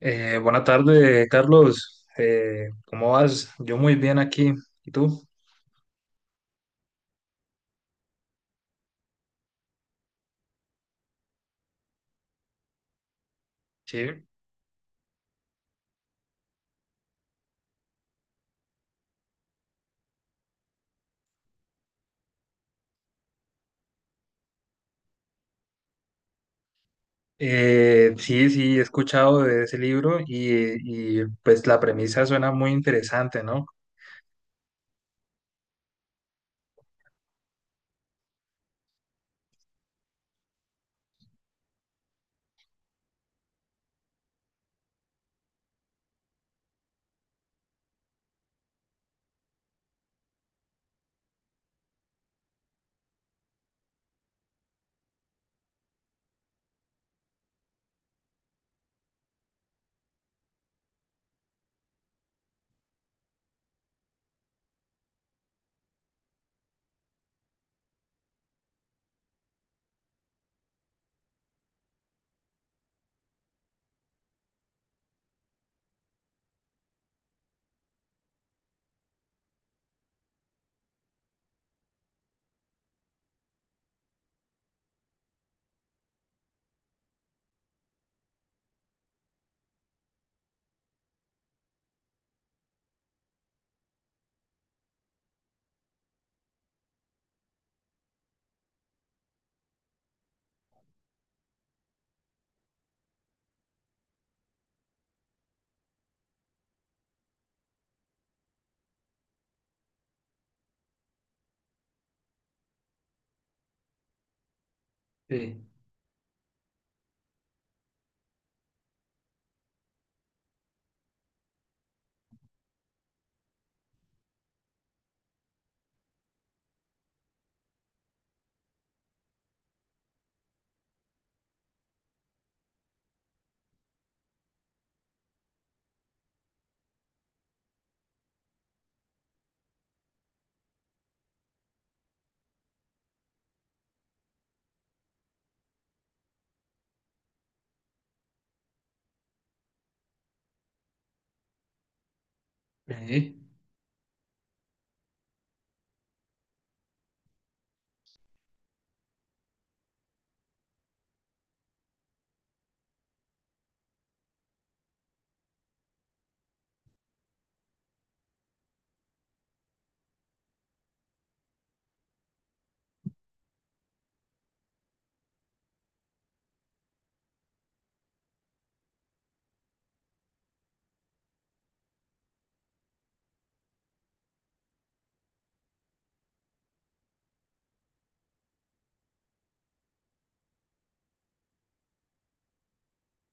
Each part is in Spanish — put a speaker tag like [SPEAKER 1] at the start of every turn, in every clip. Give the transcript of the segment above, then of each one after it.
[SPEAKER 1] Buena tarde, Carlos. ¿Cómo vas? Yo muy bien aquí. ¿Y tú? Sí. Sí, he escuchado de ese libro y pues la premisa suena muy interesante, ¿no? Sí. Sí.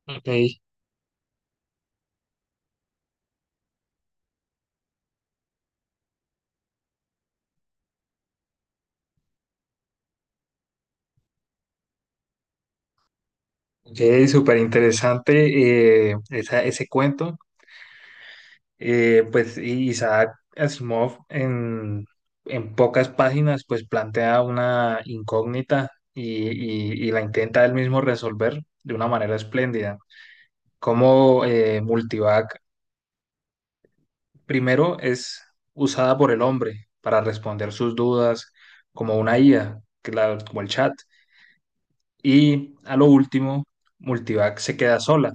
[SPEAKER 1] Ok, ok, súper interesante ese cuento. Pues y Isaac Asimov en pocas páginas pues plantea una incógnita y y la intenta él mismo resolver de una manera espléndida. Cómo Multivac primero es usada por el hombre para responder sus dudas como una IA, que como el chat. Y a lo último, Multivac se queda sola,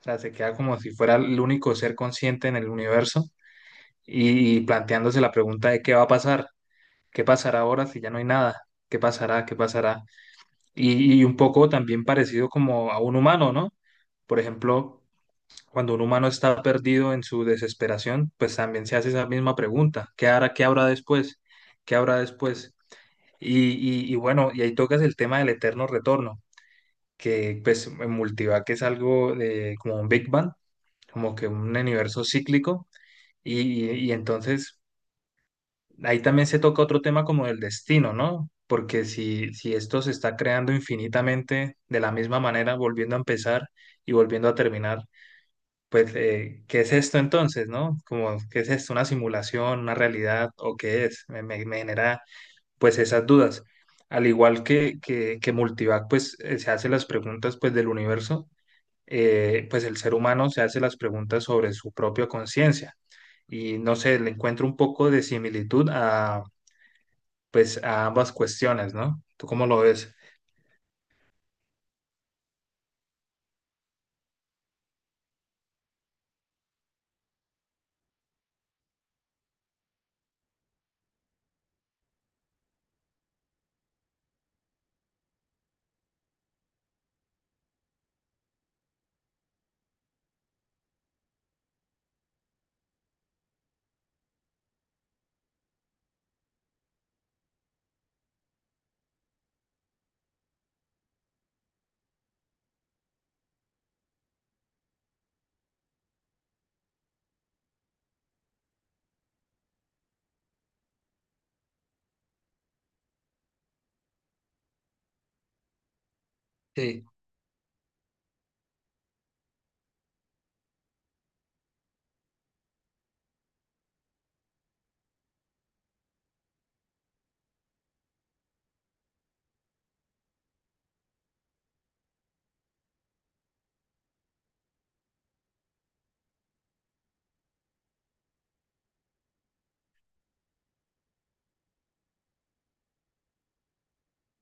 [SPEAKER 1] o sea, se queda como si fuera el único ser consciente en el universo y planteándose la pregunta de qué va a pasar, qué pasará ahora si ya no hay nada, qué pasará, qué pasará. Y un poco también parecido como a un humano, ¿no? Por ejemplo, cuando un humano está perdido en su desesperación, pues también se hace esa misma pregunta, ¿qué hará, qué habrá después? ¿Qué habrá después? Y, y bueno, y ahí tocas el tema del eterno retorno, que pues en Multivac es algo de, como un Big Bang, como que un universo cíclico, y entonces ahí también se toca otro tema como el destino, ¿no? Porque si esto se está creando infinitamente de la misma manera, volviendo a empezar y volviendo a terminar, pues, ¿qué es esto entonces, no? Como, ¿qué es esto? ¿Una simulación, una realidad o qué es? Me genera, pues, esas dudas. Al igual que, que Multivac, pues, se hace las preguntas, pues, del universo, pues, el ser humano se hace las preguntas sobre su propia conciencia. Y, no sé, le encuentro un poco de similitud a, pues, a ambas cuestiones, ¿no? ¿Tú cómo lo ves? Sí,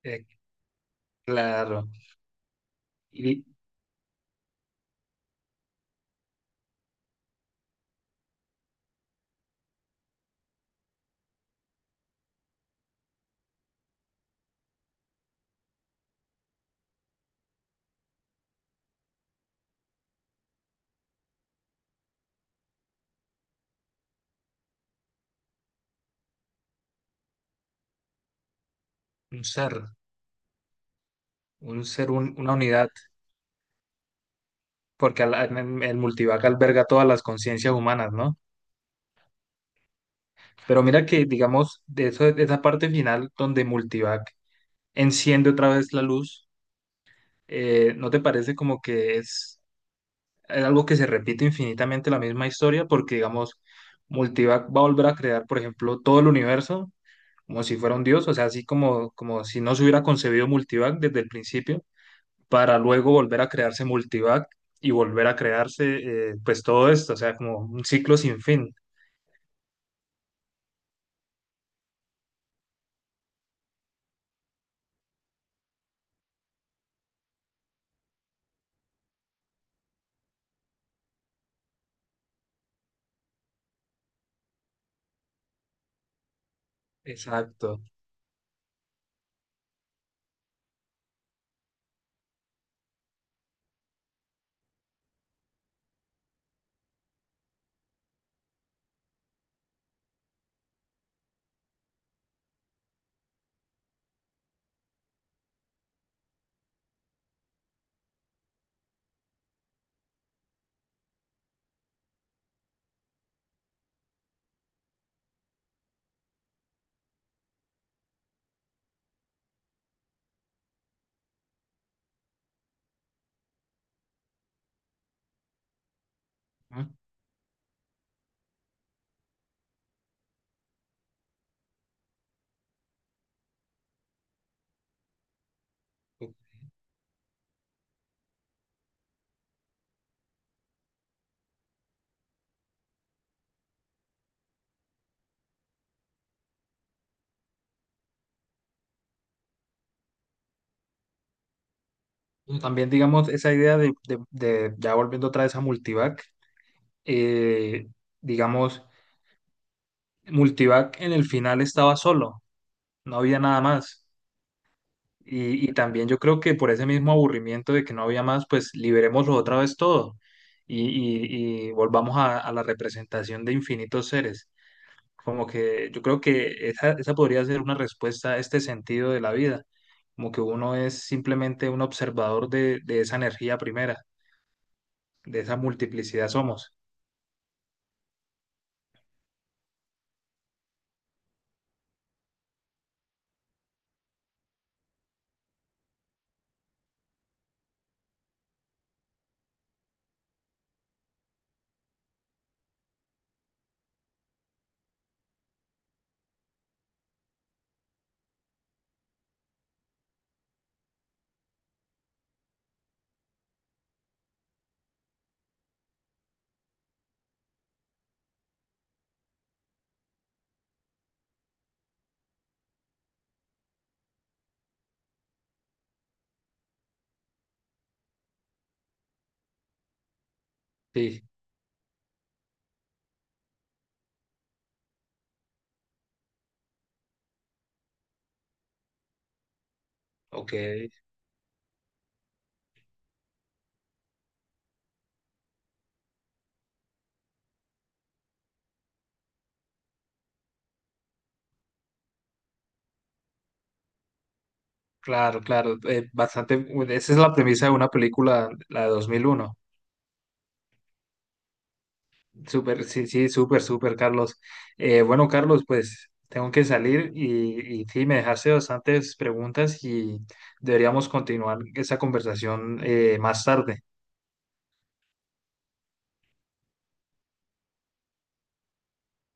[SPEAKER 1] eh, claro. Y un ser, una unidad. Porque el multivac alberga todas las conciencias humanas, ¿no? Pero mira que, digamos, de, eso, de esa parte final donde multivac enciende otra vez la luz, ¿no te parece como que es algo que se repite infinitamente la misma historia? Porque, digamos, multivac va a volver a crear, por ejemplo, todo el universo como si fuera un dios, o sea, así como, como si no se hubiera concebido multivac desde el principio, para luego volver a crearse multivac y volver a crearse, pues todo esto, o sea, como un ciclo sin fin. Exacto. ¿No? Y también, digamos, esa idea de, ya volviendo otra vez a Multivac, eh, digamos, Multivac en el final estaba solo, no había nada más. Y también yo creo que por ese mismo aburrimiento de que no había más, pues liberémoslo otra vez todo y volvamos a la representación de infinitos seres. Como que yo creo que esa podría ser una respuesta a este sentido de la vida, como que uno es simplemente un observador de esa energía primera, de esa multiplicidad somos. Sí, ok, claro, claro, bastante, bueno, esa es la premisa de una película, la de 2001. Súper, sí, sí, súper, súper, Carlos. Bueno, Carlos, pues tengo que salir y sí, me dejaste bastantes preguntas y deberíamos continuar esa conversación más tarde.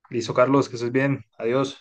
[SPEAKER 1] Listo, Carlos, que estés bien. Adiós.